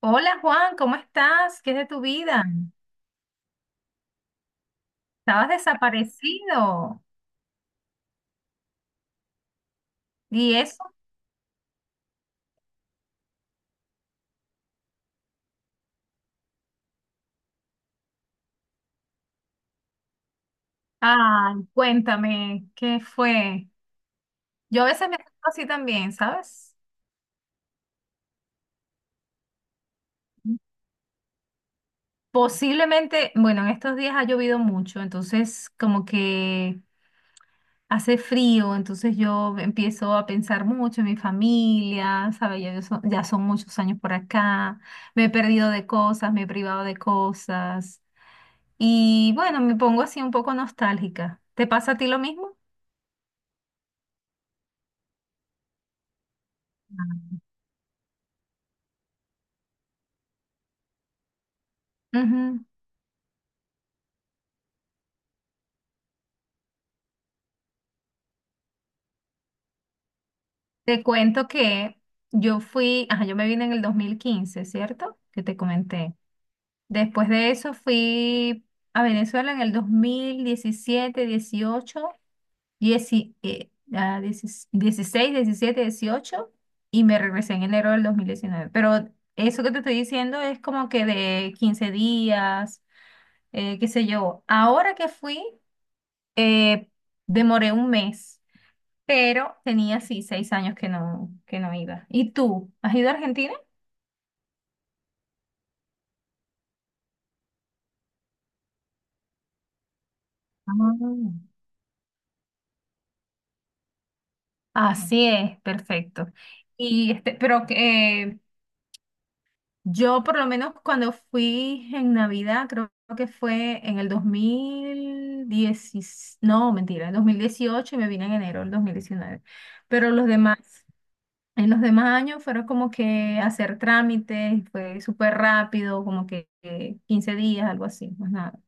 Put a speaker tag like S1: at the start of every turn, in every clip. S1: Hola Juan, ¿cómo estás? ¿Qué es de tu vida? Estabas desaparecido. ¿Y eso? Ah, cuéntame, ¿qué fue? Yo a veces me siento así también, ¿sabes? Posiblemente, bueno, en estos días ha llovido mucho, entonces como que hace frío, entonces yo empiezo a pensar mucho en mi familia, ¿sabes? Ya, ya son muchos años por acá, me he perdido de cosas, me he privado de cosas. Y bueno, me pongo así un poco nostálgica. ¿Te pasa a ti lo mismo? Ujú. Te cuento que yo fui, ajá, yo me vine en el 2015, ¿cierto? Que te comenté. Después de eso fui a Venezuela en el 2017, 18, 10, 16, 17, 18 y me regresé en enero del 2019. Pero eso que te estoy diciendo es como que de 15 días, qué sé yo. Ahora que fui... Eh, demoré un mes, pero tenía así 6 años que no iba. ¿Y tú? ¿Has ido a Argentina? Ah. Así es, perfecto. Y este, pero que yo por lo menos cuando fui en Navidad, creo que fue en el 2010, no, mentira, en 2018 y me vine en enero del 2019. Pero los demás En los demás años fueron como que hacer trámites, fue súper rápido, como que 15 días, algo así, más nada.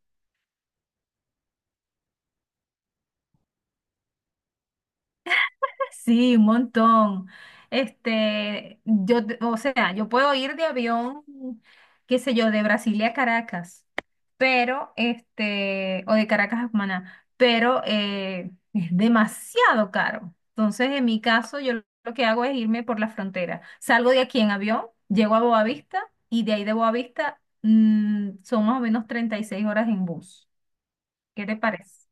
S1: Sí, un montón. Este, yo, o sea, yo puedo ir de avión, qué sé yo, de Brasilia a Caracas, pero, este, o de Caracas a Cumaná, pero es demasiado caro. Entonces, en mi caso, yo lo que hago es irme por la frontera. Salgo de aquí en avión, llego a Boavista y de ahí de Boavista son más o menos 36 horas en bus. ¿Qué te parece?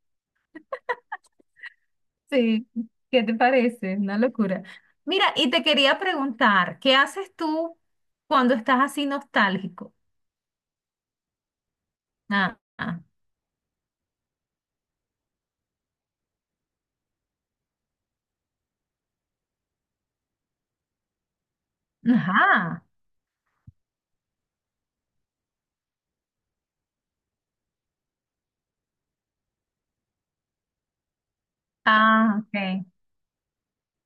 S1: Sí, ¿qué te parece? Una locura. Mira, y te quería preguntar, ¿qué haces tú cuando estás así nostálgico? Ah, ah, ajá. Ah, ok.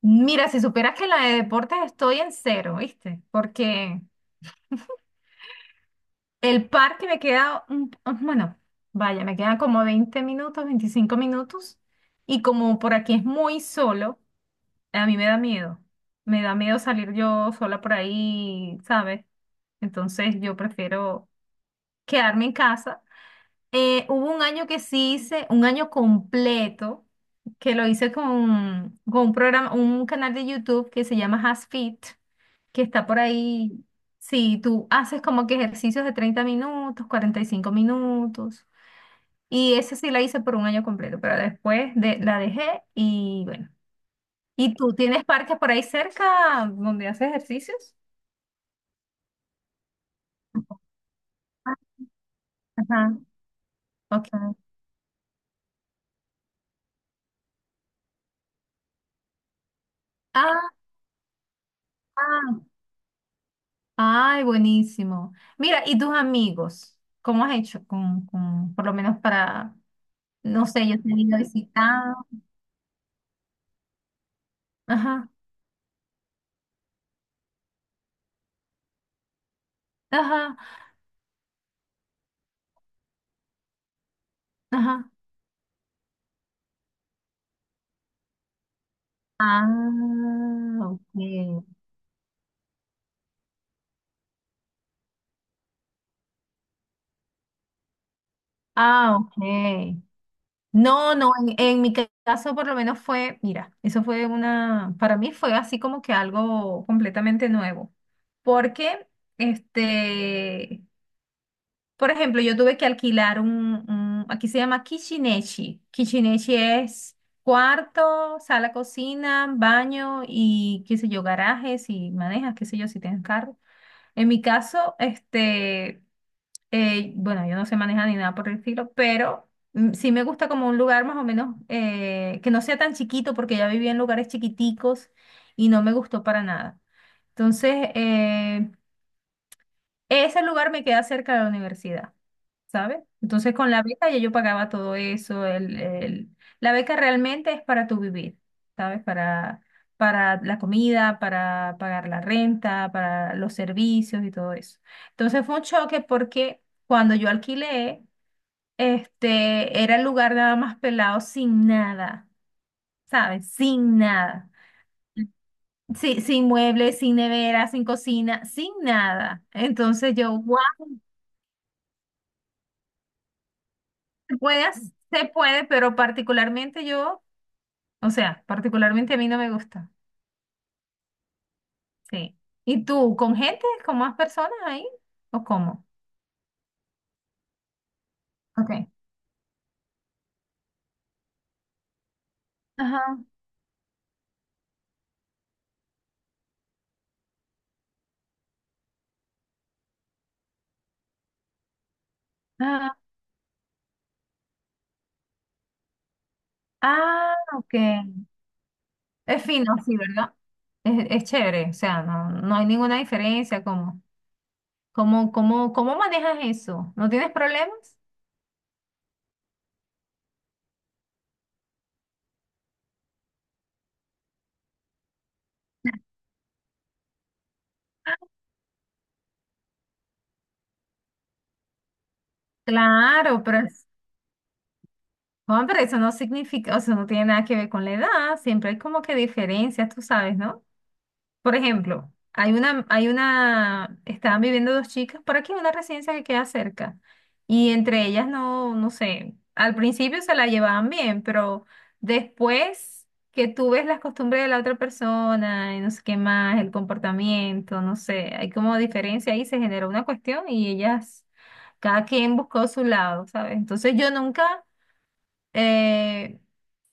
S1: Mira, si supieras que en la de deportes estoy en cero, ¿viste? Porque el parque me queda, ah, bueno, vaya, me quedan como 20 minutos, 25 minutos, y como por aquí es muy solo, a mí me da miedo. Me da miedo salir yo sola por ahí, ¿sabes? Entonces yo prefiero quedarme en casa. Hubo un año que sí hice, un año completo, que lo hice con un programa, un canal de YouTube que se llama HasFit, que está por ahí. Sí, tú haces como que ejercicios de 30 minutos, 45 minutos. Y ese sí la hice por un año completo, pero después de, la dejé y bueno. ¿Y tú tienes parques por ahí cerca donde haces ejercicios? Ajá, ok. Ah, ah, ay, buenísimo. Mira, ¿y tus amigos? ¿Cómo has hecho con, por lo menos para, no sé, yo te he ido visitado. Ajá, ajá, ajá. Ah, ok. Ah, ok. No, no, en mi caso por lo menos fue, mira, eso fue una, para mí fue así como que algo completamente nuevo, porque este, por ejemplo, yo tuve que alquilar un, aquí se llama Kishineshi. Kishineshi es cuarto, sala, cocina, baño y qué sé yo, garajes y manejas, qué sé yo, si tienes carro. En mi caso, este, bueno, yo no sé manejar ni nada por el estilo, pero sí me gusta como un lugar más o menos que no sea tan chiquito, porque ya viví en lugares chiquiticos y no me gustó para nada. Entonces, ese lugar me queda cerca de la universidad, ¿sabes? Entonces con la beca ya yo pagaba todo eso. La beca realmente es para tu vivir, ¿sabes? Para la comida, para pagar la renta, para los servicios y todo eso. Entonces fue un choque porque cuando yo alquilé, este, era el lugar nada más pelado sin nada, ¿sabes? Sin nada. Sí, sin muebles, sin nevera, sin cocina, sin nada. Entonces yo, puedes, se puede, pero particularmente yo, o sea, particularmente a mí no me gusta. Sí. ¿Y tú, con gente, con más personas ahí? ¿O cómo? Ok. Ajá, ajá. Ah, ok. Es fino, sí, ¿verdad? Es chévere, o sea, no, no hay ninguna diferencia. ¿Cómo manejas eso? ¿No tienes problemas? Claro, pero, Juan, pero eso no significa, o sea, no tiene nada que ver con la edad, siempre hay como que diferencias, tú sabes, ¿no? Por ejemplo, hay una, estaban viviendo dos chicas por aquí en una residencia que queda cerca. Y entre ellas no, no sé, al principio se la llevaban bien, pero después que tú ves las costumbres de la otra persona y no sé qué más, el comportamiento, no sé, hay como diferencia ahí, se generó una cuestión y ellas, cada quien buscó su lado, ¿sabes? Entonces yo nunca, eh,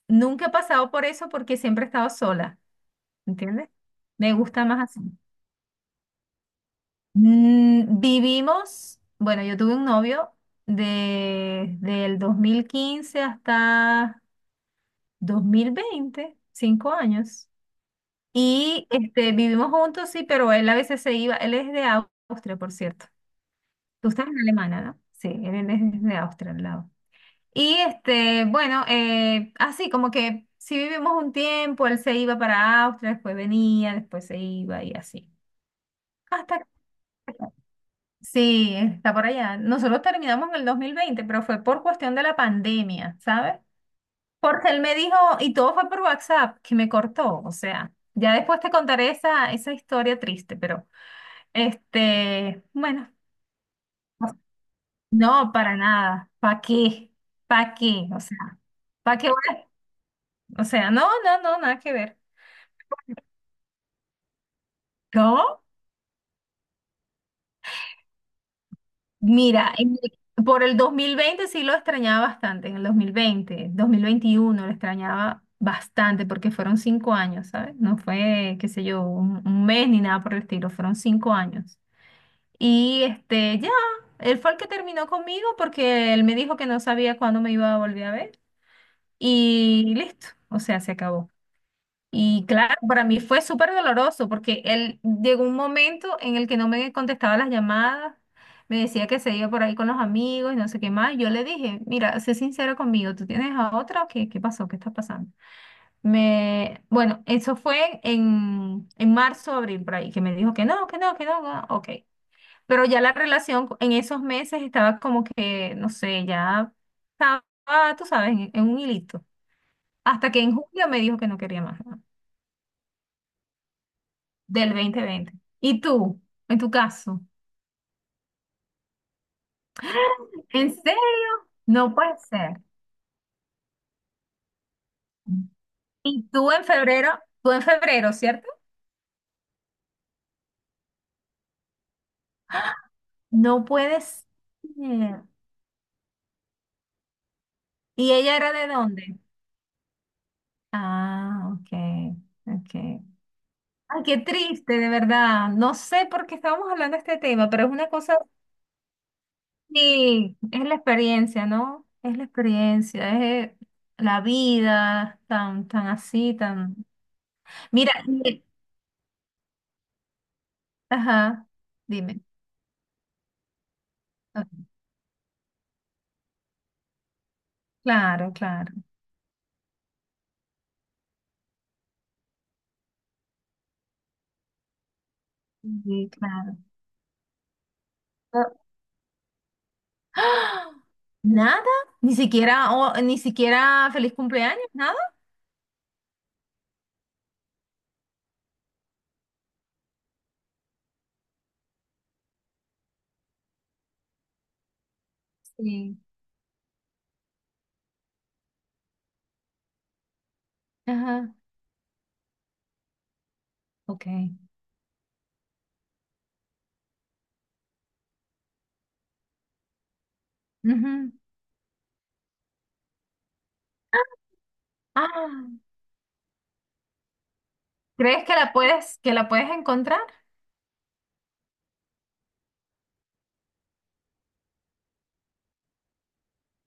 S1: nunca he pasado por eso porque siempre he estado sola, ¿entiendes? Me gusta más así. Mm, vivimos, bueno, yo tuve un novio del 2015 hasta 2020, 5 años. Y este, vivimos juntos, sí, pero él a veces se iba, él es de Austria, por cierto. Tú estás en Alemania, ¿no? Sí, él es de Austria, al lado. Y este, bueno, así como que si vivimos un tiempo, él se iba para Austria, después venía, después se iba y así. Hasta Sí, está por allá. Nosotros terminamos en el 2020, pero fue por cuestión de la pandemia, ¿sabes? Porque él me dijo, y todo fue por WhatsApp, que me cortó. O sea, ya después te contaré esa historia triste, pero este, bueno, no, para nada. ¿Para qué? ¿Para qué? O sea, ¿para qué? O sea, no, no, no, nada que ver. ¿Cómo? Mira, por el 2020 sí lo extrañaba bastante, en el 2020, 2021 lo extrañaba bastante porque fueron 5 años, ¿sabes? No fue, qué sé yo, un mes ni nada por el estilo, fueron 5 años. Y este, ya, él fue el que terminó conmigo porque él me dijo que no sabía cuándo me iba a volver a ver y listo, o sea, se acabó. Y claro, para mí fue súper doloroso porque él llegó un momento en el que no me contestaba las llamadas, me decía que se iba por ahí con los amigos y no sé qué más. Yo le dije, mira, sé sincero conmigo, ¿tú tienes a otra o qué, qué pasó? ¿Qué está pasando? Me, bueno, eso fue en marzo, abril, por ahí, que me dijo que no, que no, que no, no, ok. Pero ya la relación en esos meses estaba como que, no sé, ya estaba, tú sabes, en un hilito. Hasta que en julio me dijo que no quería más. Del 2020. ¿Y tú? En tu caso. ¿En serio? No puede ser. ¿Y tú en febrero? Tú en febrero, ¿cierto? No puede ser. ¿Y ella era de dónde? Ah, ok, ok. Ay, qué triste, de verdad. No sé por qué estábamos hablando de este tema, pero es una cosa, sí, es la experiencia, ¿no? Es la experiencia, es la vida, tan, tan así, tan. Mira, ajá, dime. Claro, claro, sí, claro. Ah, ¡ah! ¿Nada? Ni siquiera, oh, ni siquiera feliz cumpleaños, nada. Sí. Ajá, ok. Ujú. Ah, ¿crees que la puedes, encontrar?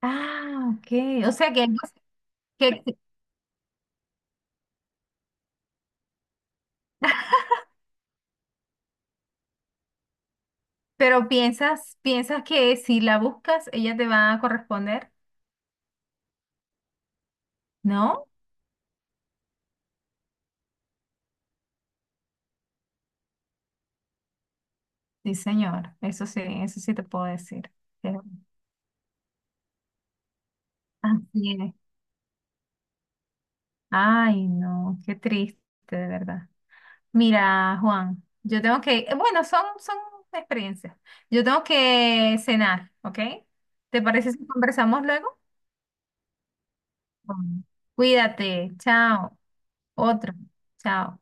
S1: Ah, ok. O sea que, que, pero piensas, que si la buscas, ella te va a corresponder, ¿no? Sí, señor. Eso sí te puedo decir. Pero Así es. Ay, no, qué triste, de verdad. Mira, Juan, yo tengo que, bueno, son experiencias. Yo tengo que cenar, ¿ok? ¿Te parece si conversamos luego? Bueno. Cuídate, chao. Otro, chao.